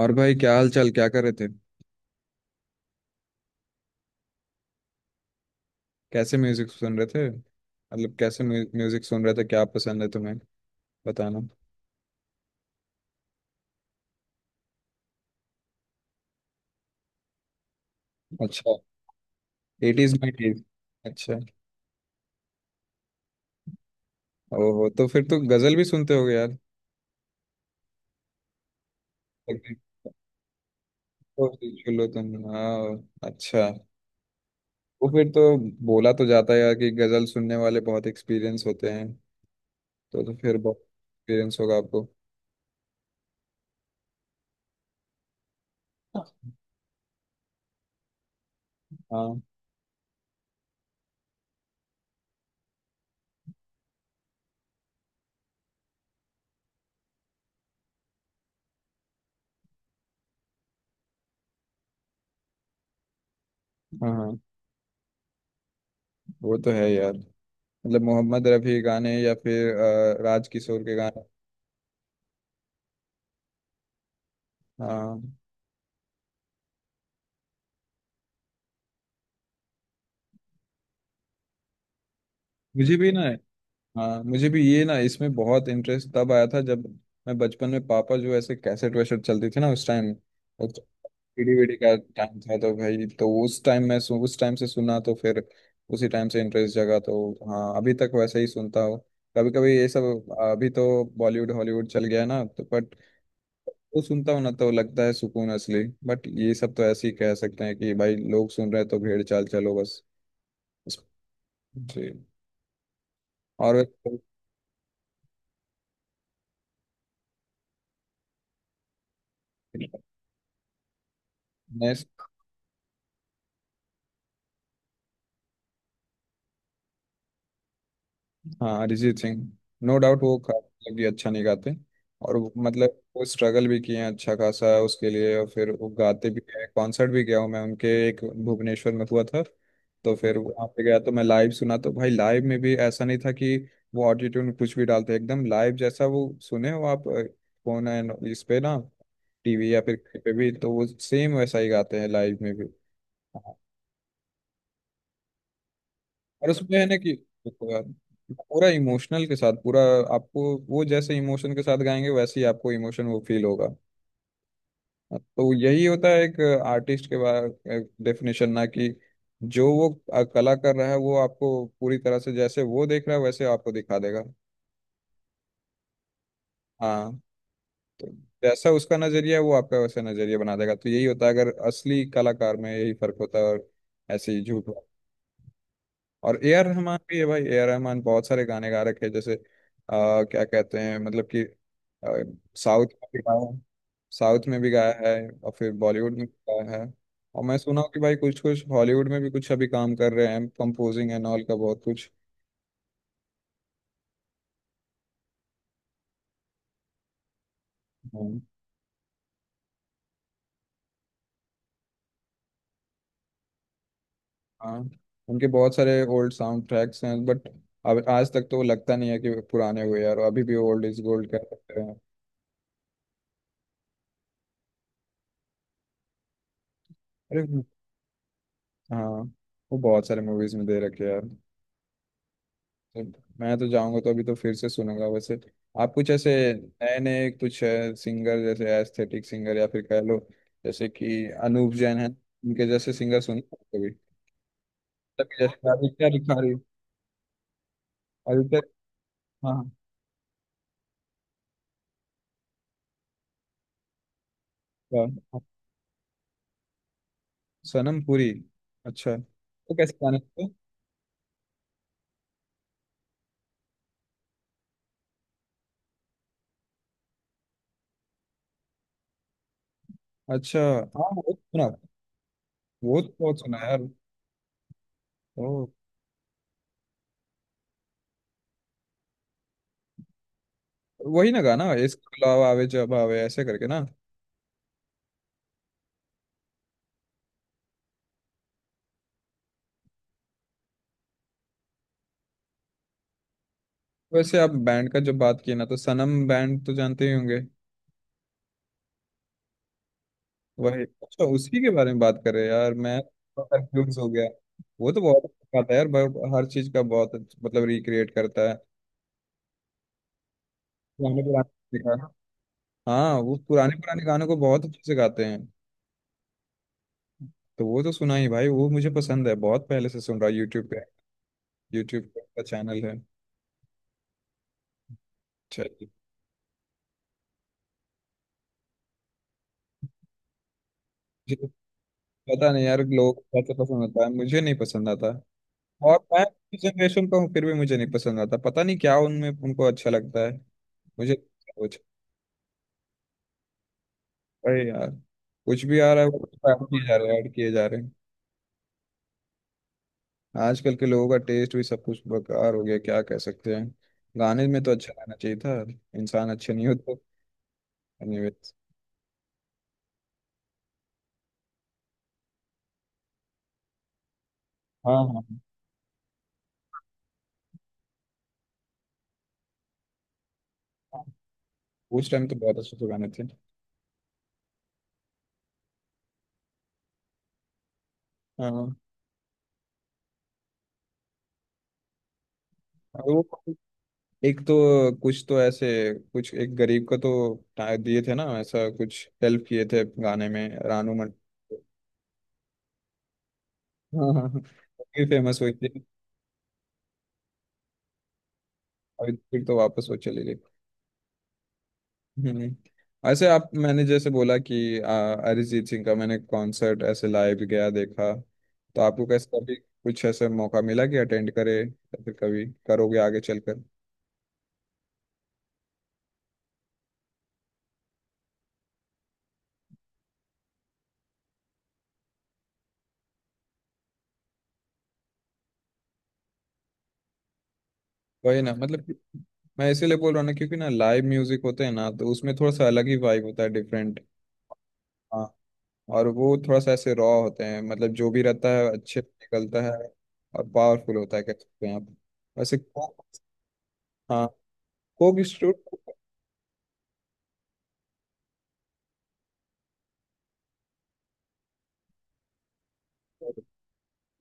और भाई, क्या हाल चाल? क्या कर रहे थे? कैसे म्यूजिक सुन रहे थे? मतलब कैसे म्यूजिक सुन रहे थे? क्या पसंद है तुम्हें, बताना। अच्छा। Eighties nineties. अच्छा। ओहो, तो फिर तो गजल भी सुनते होगे यार। तो चलो तुम। हाँ। अच्छा। तो फिर तो बोला तो जाता है यार कि गजल सुनने वाले बहुत एक्सपीरियंस होते हैं। तो फिर बहुत एक्सपीरियंस होगा आपको। हाँ, हाँ, हाँ। वो तो है यार। मतलब मोहम्मद रफ़ी गाने, या फिर राज किशोर के गाने। हाँ, मुझे भी ना। हाँ, मुझे भी ये ना, इसमें बहुत इंटरेस्ट तब आया था जब मैं बचपन में, पापा जो ऐसे कैसेट वैसेट चलती थी ना उस टाइम। सीडी वीडी का टाइम था तो भाई, तो उस टाइम मैं उस टाइम से सुना, तो फिर उसी टाइम से इंटरेस्ट जगा तो। हाँ, अभी तक वैसे ही सुनता हूँ। कभी कभी ये सब, अभी तो बॉलीवुड हॉलीवुड चल गया है ना, तो बट वो सुनता हूँ ना तो लगता है सुकून असली। बट ये सब तो ऐसे ही कह सकते हैं कि भाई लोग सुन रहे हैं तो भेड़ चाल, चलो बस। जी। और नए। हाँ, अरिजीत सिंह, नो डाउट वो काफी मतलब कि अच्छा नहीं गाते। और मतलब वो स्ट्रगल भी किए हैं अच्छा खासा उसके लिए, और फिर वो गाते भी हैं। कॉन्सर्ट भी गया हूँ मैं उनके, एक भुवनेश्वर में हुआ था। तो फिर वहाँ पे गया तो मैं लाइव सुना, तो भाई, लाइव में भी ऐसा नहीं था कि वो ऑटोट्यून कुछ भी डालते। एकदम लाइव जैसा वो सुने हो आप। फोन एंड इस पे ना, टीवी या फिर कहीं पे भी, तो वो सेम वैसा ही गाते हैं लाइव में भी। और उसमें है ना कि, देखो यार, पूरा इमोशनल के साथ। पूरा आपको वो जैसे इमोशन के साथ गाएंगे, वैसे ही आपको इमोशन वो फील होगा। तो यही होता है एक आर्टिस्ट के बारे डेफिनेशन, ना कि जो वो कला कर रहा है, वो आपको पूरी तरह से जैसे वो देख रहा है वैसे आपको दिखा देगा। हाँ, तो जैसा उसका नजरिया है वो आपका वैसा नजरिया बना देगा, तो यही होता है। अगर असली कलाकार में यही फर्क होता है। और ऐसे ही झूठ। और ए आर रहमान भी है भाई। ए आर रहमान बहुत सारे गाने गा रखे हैं, जैसे क्या कहते हैं, मतलब कि साउथ में भी गाया है। साउथ में भी गाया है और फिर बॉलीवुड में भी गाया है। और मैं सुना हूँ कि भाई कुछ कुछ हॉलीवुड में भी कुछ अभी काम कर रहे हैं, कंपोजिंग एंड ऑल का बहुत कुछ। हम्म। हाँ, उनके बहुत सारे ओल्ड साउंड ट्रैक्स हैं, बट अब आज तक तो लगता नहीं है कि वो पुराने हुए यार। अभी भी ओल्ड इज गोल्ड कह सकते हैं। अरे, हाँ, वो बहुत सारे मूवीज में दे रखे हैं यार। मैं तो जाऊंगा तो अभी तो फिर से सुनूंगा वैसे। आप कुछ ऐसे नए नए कुछ सिंगर, जैसे एस्थेटिक सिंगर या फिर कह लो, जैसे कि अनूप जैन है, उनके जैसे सिंगर सुने हैं कभी? तब जैसे आदित्य रिखारी। आदित्य। हाँ, हाँ, हाँ। सनम पुरी। अच्छा, वो कैसे गाने थे? अच्छा। हाँ, वो तो सुना। वो तो बहुत सुना यार। ओ। वही ना गाना इश्क बुलावा आवे जब आवे ऐसे करके ना। वैसे आप बैंड का जब बात किए ना, तो सनम बैंड तो जानते ही होंगे। वही, अच्छा। उसी के बारे में बात कर रहे हैं यार, मैं कंफ्यूज हो गया। वो तो बहुत अच्छा था यार, हर चीज का बहुत मतलब रिक्रिएट करता है। पुराने पुराने गाने- हाँ, वो पुराने पुराने गानों को बहुत अच्छे से गाते हैं। तो वो तो सुना ही भाई, वो मुझे पसंद है बहुत, पहले से सुन रहा है यूट्यूब पे। यूट्यूब पे का चैनल है। चलिए। मुझे पता नहीं यार लोग कैसे पसंद आता है, मुझे नहीं पसंद आता। और मैं जनरेशन का हूँ फिर भी मुझे नहीं पसंद आता, पता नहीं क्या उनमें उनको अच्छा लगता है। मुझे, अरे यार, कुछ भी आ रहा है वो, ऐड किए जा रहे हैं, ऐड किए जा रहे हैं। आजकल के लोगों का टेस्ट भी सब कुछ बेकार हो गया, क्या कह सकते हैं। गाने में तो अच्छा रहना चाहिए था। इंसान अच्छे नहीं होते। एनीवेज। हाँ, हाँ, हाँ। उस टाइम तो बहुत अच्छे से गाने थे। हाँ, हाँ। और वो एक तो, कुछ तो ऐसे कुछ एक गरीब का तो दिए थे ना ऐसा, कुछ हेल्प किए थे गाने में, रानू मंडल। हाँ, हाँ, हाँ। फिर फेमस हुई थी। और फिर तो वापस वो चली गई। हम्म। ऐसे आप, मैंने जैसे बोला कि अरिजीत सिंह का मैंने कॉन्सर्ट ऐसे लाइव गया देखा। तो आपको कैसे कभी कुछ ऐसे मौका मिला कि अटेंड करे, या फिर कभी करोगे आगे चलकर? वही ना, मतलब कि मैं इसीलिए बोल रहा हूँ ना, क्योंकि ना, लाइव म्यूजिक होते हैं ना, तो उसमें थोड़ा सा अलग ही वाइब होता है, डिफरेंट। हाँ। और वो थोड़ा सा ऐसे रॉ होते हैं, मतलब जो भी रहता है अच्छे से निकलता है। और पावरफुल होता है, कह सकते हैं आप। वैसे कोक। हाँ, कोक स्टूडियो।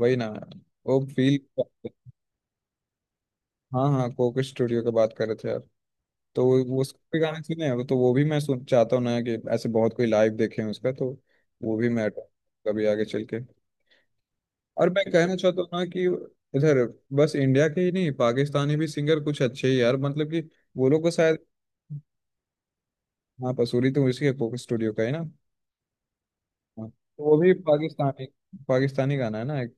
वही ना, वो फील। हाँ, हाँ, कोक स्टूडियो की बात कर रहे थे यार। तो वो उसके गाने सुने हैं, तो वो भी मैं सुन चाहता हूँ ना कि, ऐसे बहुत कोई लाइव देखे हैं उसका, तो वो भी मैं attend कभी आगे चल के। और मैं कहना चाहता हूँ ना कि इधर बस इंडिया के ही नहीं, पाकिस्तानी भी सिंगर कुछ अच्छे ही यार, मतलब कि वो लोग को शायद। हाँ, पसूरी तो उसी के कोक स्टूडियो का है ना। हाँ, तो वो भी पाकिस्तानी, पाकिस्तानी गाना है ना एक।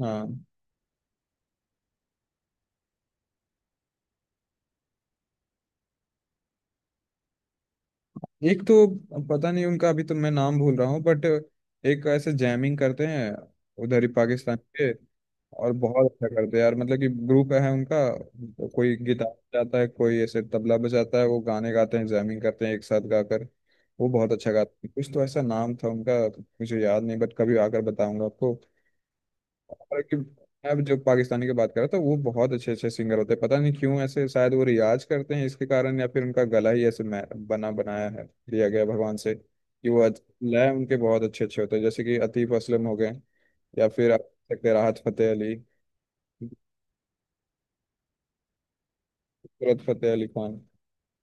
हाँ। एक तो पता नहीं उनका, अभी तो मैं नाम भूल रहा हूँ बट, एक ऐसे जैमिंग करते हैं उधर ही पाकिस्तान के। और बहुत अच्छा करते हैं यार, मतलब कि ग्रुप है उनका, तो कोई गिटार बजाता है कोई ऐसे तबला बजाता है, वो गाने गाते हैं, जैमिंग करते हैं एक साथ गाकर। वो बहुत अच्छा गाते हैं, कुछ तो ऐसा नाम था उनका, मुझे याद नहीं बट कभी आकर बताऊंगा आपको। और कि अब जो पाकिस्तानी की बात कर रहा था, वो बहुत अच्छे अच्छे सिंगर होते हैं, पता नहीं क्यों ऐसे, शायद वो रियाज करते हैं इसके कारण, या फिर उनका गला ही ऐसे बना बनाया है, दिया गया भगवान से कि वो लय उनके बहुत अच्छे अच्छे होते हैं, जैसे कि अतीफ असलम हो गए। या फिर आप देख सकते हैं राहत फतेह अली, सूरत फतेह अली खान।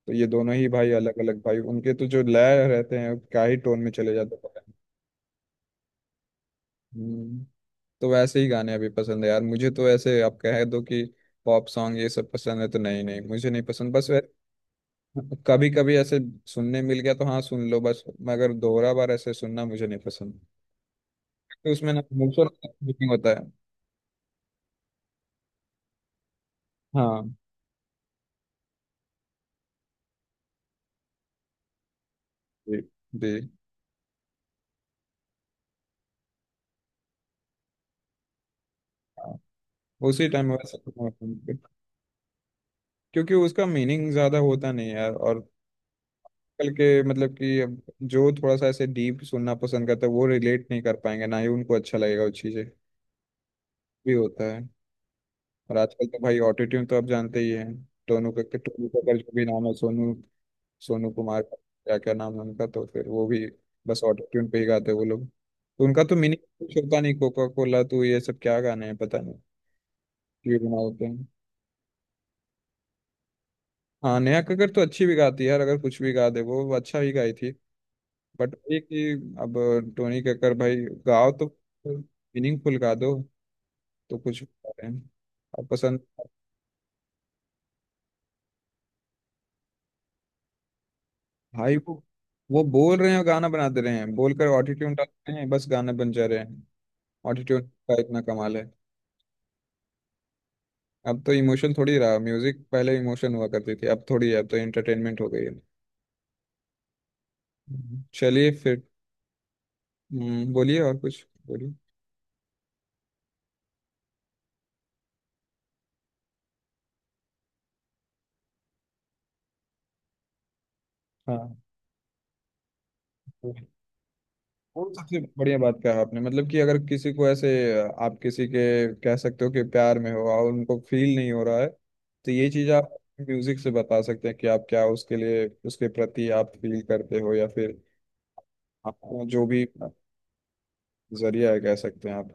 तो ये दोनों ही भाई अलग अलग भाई उनके, तो जो लय रहते हैं क्या ही टोन में चले जाते हैं। हम्म। तो वैसे ही गाने अभी पसंद है यार मुझे, तो ऐसे आप कह दो कि पॉप सॉन्ग ये सब पसंद है, तो नहीं नहीं, मुझे नहीं पसंद बस वे। कभी कभी ऐसे सुनने मिल गया तो हाँ सुन लो बस, मगर दोहरा बार ऐसे सुनना मुझे नहीं पसंद, तो उसमें ना इमोशन होता है। हाँ। जी, जी। हाँ। उसी टाइम वैसे, क्योंकि उसका मीनिंग ज्यादा होता नहीं है यार। और आजकल के मतलब कि अब जो थोड़ा सा ऐसे डीप सुनना पसंद करता है, वो रिलेट नहीं कर पाएंगे, ना ही उनको अच्छा लगेगा वो चीज़ें भी होता है। और आजकल तो भाई ऑटोट्यून तो आप जानते ही हैं। टोनू का, टोनू का जो भी नाम है, सोनू, सोनू कुमार का, क्या क्या नाम है उनका, तो फिर वो भी बस ऑटोट्यून पे ही गाते हैं वो लोग, तो उनका तो मीनिंग कुछ होता नहीं, कोका कोला, तो ये सब क्या गाने हैं पता नहीं क्यों बना होते हैं। हाँ, नेहा कक्कड़ तो अच्छी भी गाती है यार, अगर कुछ भी गा दे वो अच्छा ही गाई थी। बट ये कि अब टोनी कक्कर भाई, गाओ तो मीनिंगफुल गा दो, तो कुछ गा रहे हैं अब पसंद। भाई वो बोल रहे हैं और गाना बना दे रहे हैं, बोलकर ऑटोट्यून डाल रहे हैं, बस गाना बन जा रहे हैं। ऑटोट्यून का इतना कमाल है। अब तो इमोशन थोड़ी रहा म्यूजिक, पहले इमोशन हुआ करती थी, अब थोड़ी है, अब तो एंटरटेनमेंट हो गई है। चलिए फिर। बोलिए और कुछ बोलिए। हाँ, वो सबसे बढ़िया बात कहा आपने, मतलब कि अगर किसी को ऐसे आप किसी के, कह सकते हो कि प्यार में हो और उनको फील नहीं हो रहा है, तो ये चीज आप म्यूजिक से बता सकते हैं कि आप क्या उसके लिए, उसके प्रति आप फील करते हो, या फिर आपको जो भी, जरिया है कह सकते हैं आप।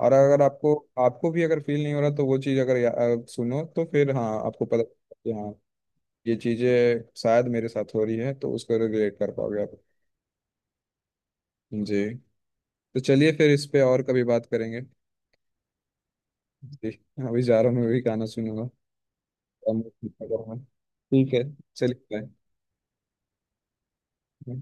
और अगर आपको आपको भी अगर फील नहीं हो रहा, तो वो चीज अगर सुनो, तो फिर हाँ आपको पता चलता है कि हाँ, ये चीजें शायद मेरे साथ हो रही है, तो उसको रिलेट कर पाओगे आप। जी। तो चलिए फिर, इस पे और कभी बात करेंगे। जी। अभी जा रहा हूँ, मैं भी गाना सुनूंगा। अब मैं, ठीक है, चलिए, बाय।